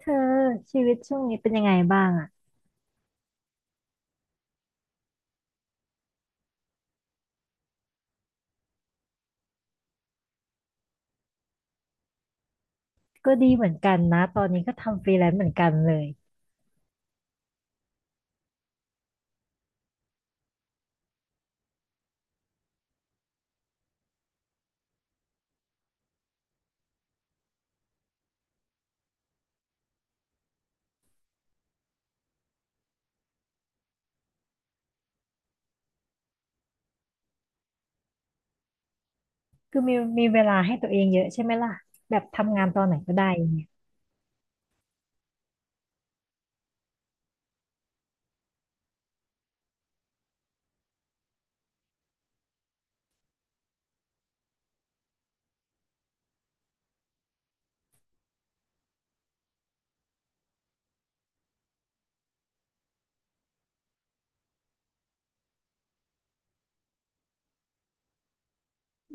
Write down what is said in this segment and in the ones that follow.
เธอชีวิตช่วงนี้เป็นยังไงบ้างอ่ะก็ดีเหมือนกันนะตอนนี้ก็ทำฟรีแลนซ์เหมือนกันเลยคือมีเวลาให้ตัวเองเยอะใช่ไหมล่ะแบบทำงานตอนไหนก็ได้เนี่ย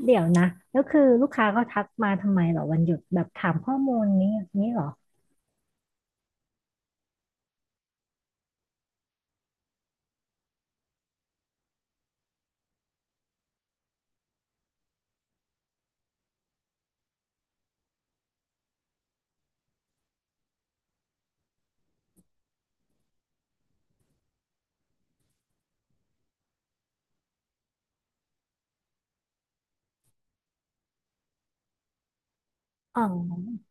เดี๋ยวนะแล้วคือลูกค้าเขาทักมาทำไมเหรอวันหยุดแบบถามข้อมูลนี้เหรออ๋อ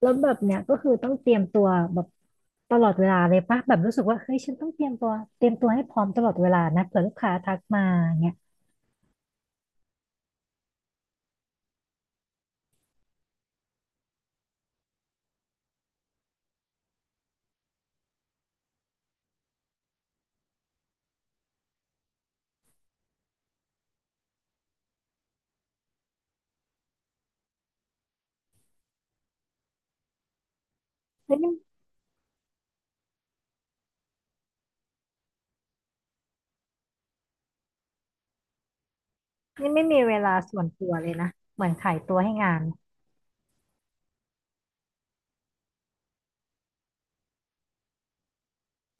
แล้วแบบเนี้ยก็คือต้องเตรียมตัวแบบตลอดเวลาเลยปะแบบรู้สึกว่าเฮ้ยฉันต้องเตรียมตัวเตรียมตัวให้พร้อมตลอดเวลานะเผื่อลูกค้าทักมาเนี่ยเฮ้ยนี่ไม่มีเวลาส่วนตัวเลยนะเหมือนขายตัวให้งาน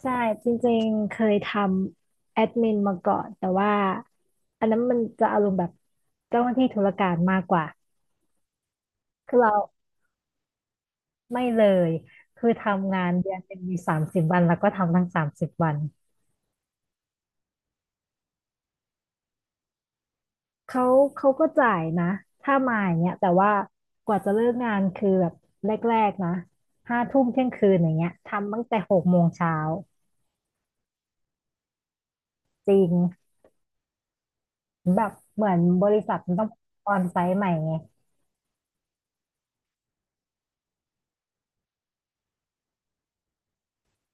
ใช่จริงๆเคยทำแอดมินมาก่อนแต่ว่าอันนั้นมันจะอารมณ์แบบเจ้าหน้าที่ธุรการมากกว่าคือเราไม่เลยคือทำงานเดือนหนึ่งมีสามสิบวันแล้วก็ทำทั้งสามสิบวันเขาเขาก็จ่ายนะถ้ามาอย่างเงี้ยแต่ว่ากว่าจะเลิกงานคือแบบแรกๆนะห้าทุ่มเที่ยงคืนอย่างเงี้ยทำตั้งแต่หกโมงเช้าจริงแบบเหมือนบริษัทมันต้องออนไซต์ใหม่ไง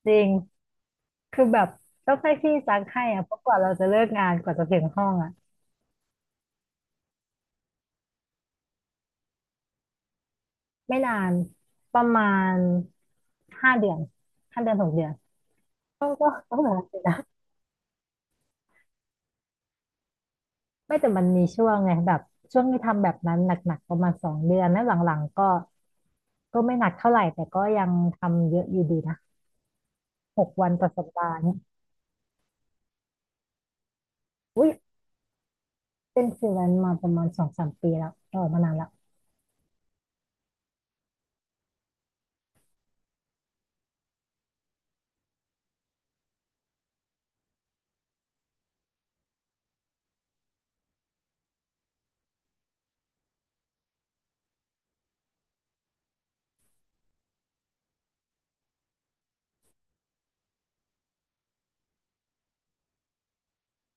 จริง คือแบบต้องให้พี่ซักให้อ่ะเพราะกว่าเราจะเลิกงานกว่าจะถึงห้องอ่ะไม่นานประมาณห้าเดือนห้าเดือนหกเดือนก็เหมือนกันนะไม่แต่มันมีช่วงไงแบบช่วงที่ทำแบบนั้นหนักๆประมาณสองเดือนแล้วหลังๆก็ก็ไม่หนักเท่าไหร่แต่ก็ยังทำเยอะอยู่ดีนะหกวันต่อสัปดาห์เนี่ยอุ้ยเป็นฟรีแลนซ์มาประมาณสองสามปีแล้วออกมานานแล้ว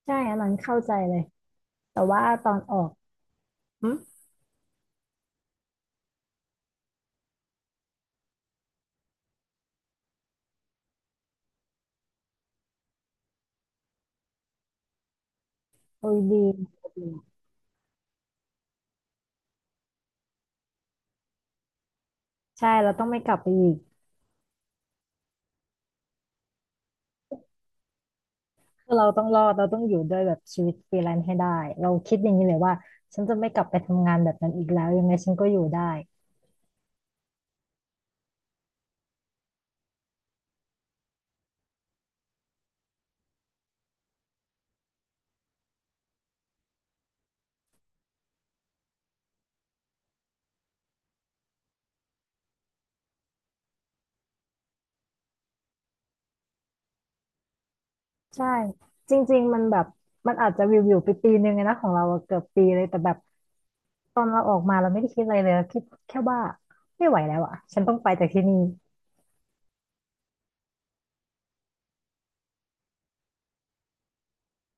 ใช่อันนั้นเข้าใจเลยแต่ว่าตอนออกอืมโอ้ยดีดีใช่เราต้องไม่กลับไปอีก คือเราต้องรอดเราต้องอยู่ด้วยแบบชีวิตฟรีแลนซ์ให้ได้เราคิดอย่างนี้เลยว่าฉันจะไม่กลับไปทำงานแบบนั้นอีกแล้วยังไงฉันก็อยู่ได้ใช่จริงๆมันแบบมันอาจจะวิวไปปีนึงอะนะของเราอะเกือบปีเลยแต่แบบตอนเราออกมาเราไม่ได้คิดอะไรเลยเราคิดแค่ว่าไม่ไหวแล้วอ่ะฉันต้องไปจากที่นี่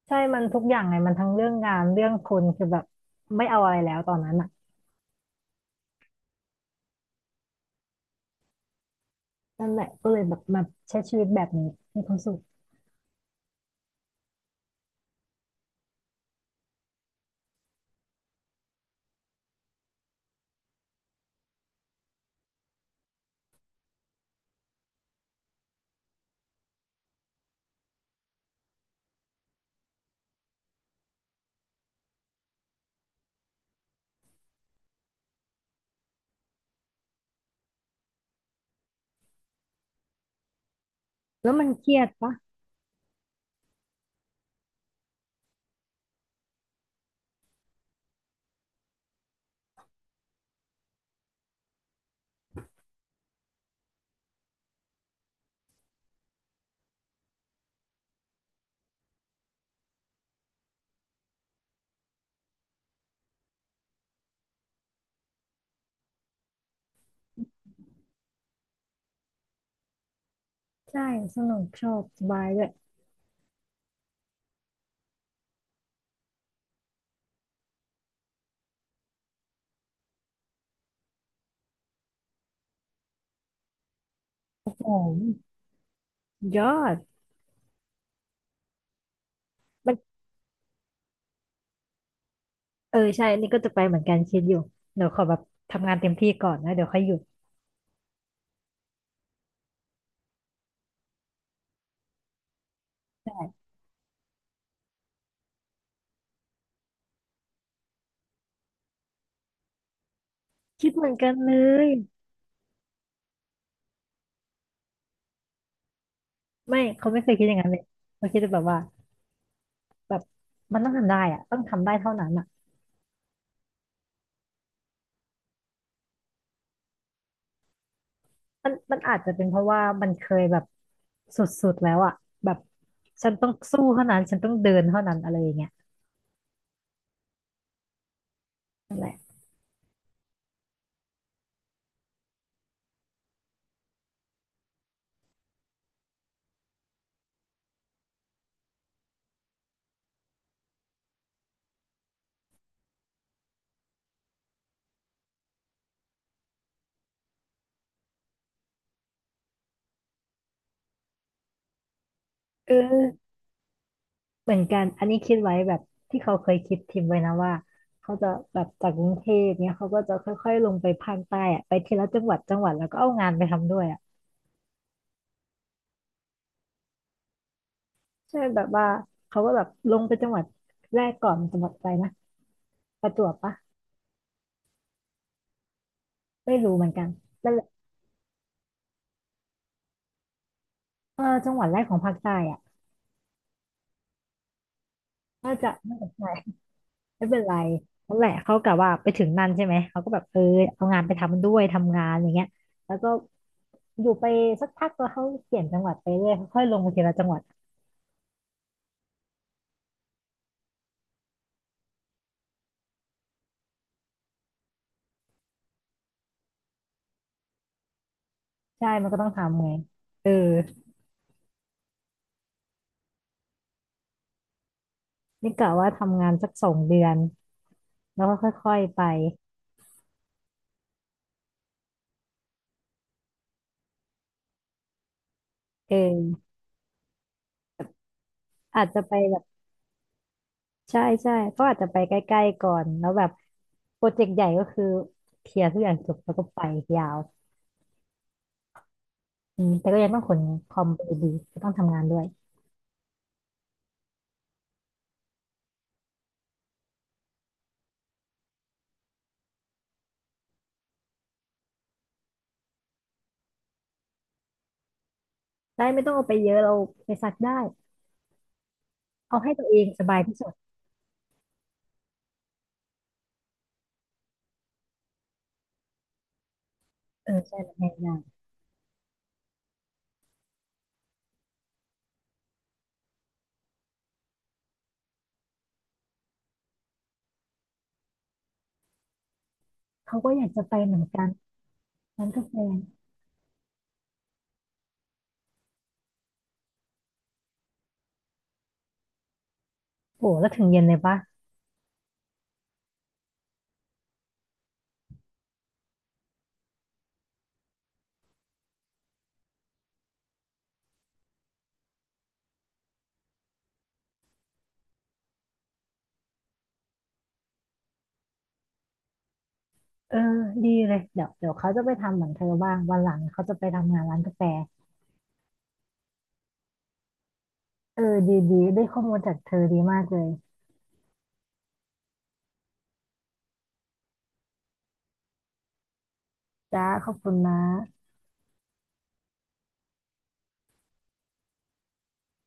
ใช่มันทุกอย่างไงมันทั้งเรื่องงานเรื่องคนคือแบบไม่เอาอะไรแล้วตอนนั้นอ่ะนั่นแหละก็เลยแบบมาใช้ชีวิตแบบนี้มีความสุขแล้วมันเครียดปะใช่สนุกชอบสบายด้วยโอ้โห ยอดมันเออใช่อันนี่ก็จะไปเหมือนกันคิดอยู่เดี๋ยวขอแบบทำงานเต็มที่ก่อนนะเดี๋ยวค่อยหยุดคิดเหมือนกันเลยไม่เขาไม่เคยคิดอย่างนั้นเลยเขาคิดแต่แบบว่าแบบมันต้องทำได้อะต้องทำได้เท่านั้นอะมันอาจจะเป็นเพราะว่ามันเคยแบบสุดๆแล้วอะแบบฉันต้องสู้เท่านั้นฉันต้องเดินเท่านั้นอะไรอย่างเงี้ยนั่นแหละเออ เหมือนกัน อันนี้คิดไว้แบบที่เขาเคยคิดทิมไว้นะว่าเขาจะแบบจากกรุงเทพเนี้ยเขาก็จะค่อยๆลงไปภาคใต้อะไปทีละจังหวัดแล้วก็เอางานไปทำด้วยอ่ะใช่แบบว่าเขาก็แบบลงไปจังหวัดแรกก่อนจังหวัดอะไรนะประจวบปะไม่รู้เหมือนกันนั่นแหละเออจังหวัดแรกของภาคใต้อ่ะน่าจะใช่ไม่เป็นไรนั่นแหละเขากะว่าไปถึงนั่นใช่ไหมเขาก็แบบเออเอางานไปทำด้วยทำงานอย่างเงี้ยแล้วก็อยู่ไปสักพักแล้วเขาเปลี่ยนจังหวัดไปเรื่อยค่อยๆลงไปทีละจังหวัด ใช่มันก็ต้องทำไงเออนี่กะว่าทำงานสักสองเดือนแล้วก็ค่อยๆไปเอออาจจะไปแบบใช่ใช่ก็อาจจะไปใกล้ๆก่อนแล้วแบบโปรเจกต์ใหญ่ก็คือเคลียร์ทุกอย่างจบแล้วก็ไปยาวอืมแต่ก็ยังต้องขนคอมไปดีก็ต้องทำงานด้วยได้ไม่ต้องเอาไปเยอะเราไปซักได้เอาให้ตัวเองสบายที่สุดเออใช่แบบนั้นเขาก็อยากจะไปเหมือนกันร้านกาแฟโอ้แล้วถึงเย็นเลยปะ เออดีเลยเดี๋ยวเขาจะไปทำเหมือนเธอบ้าง วันหลังเขาจะไปทำงานร้านกาแฟเออดีดีได้ข้อมูลจากเธอดีมากเลยจ้าขอบคุณนะ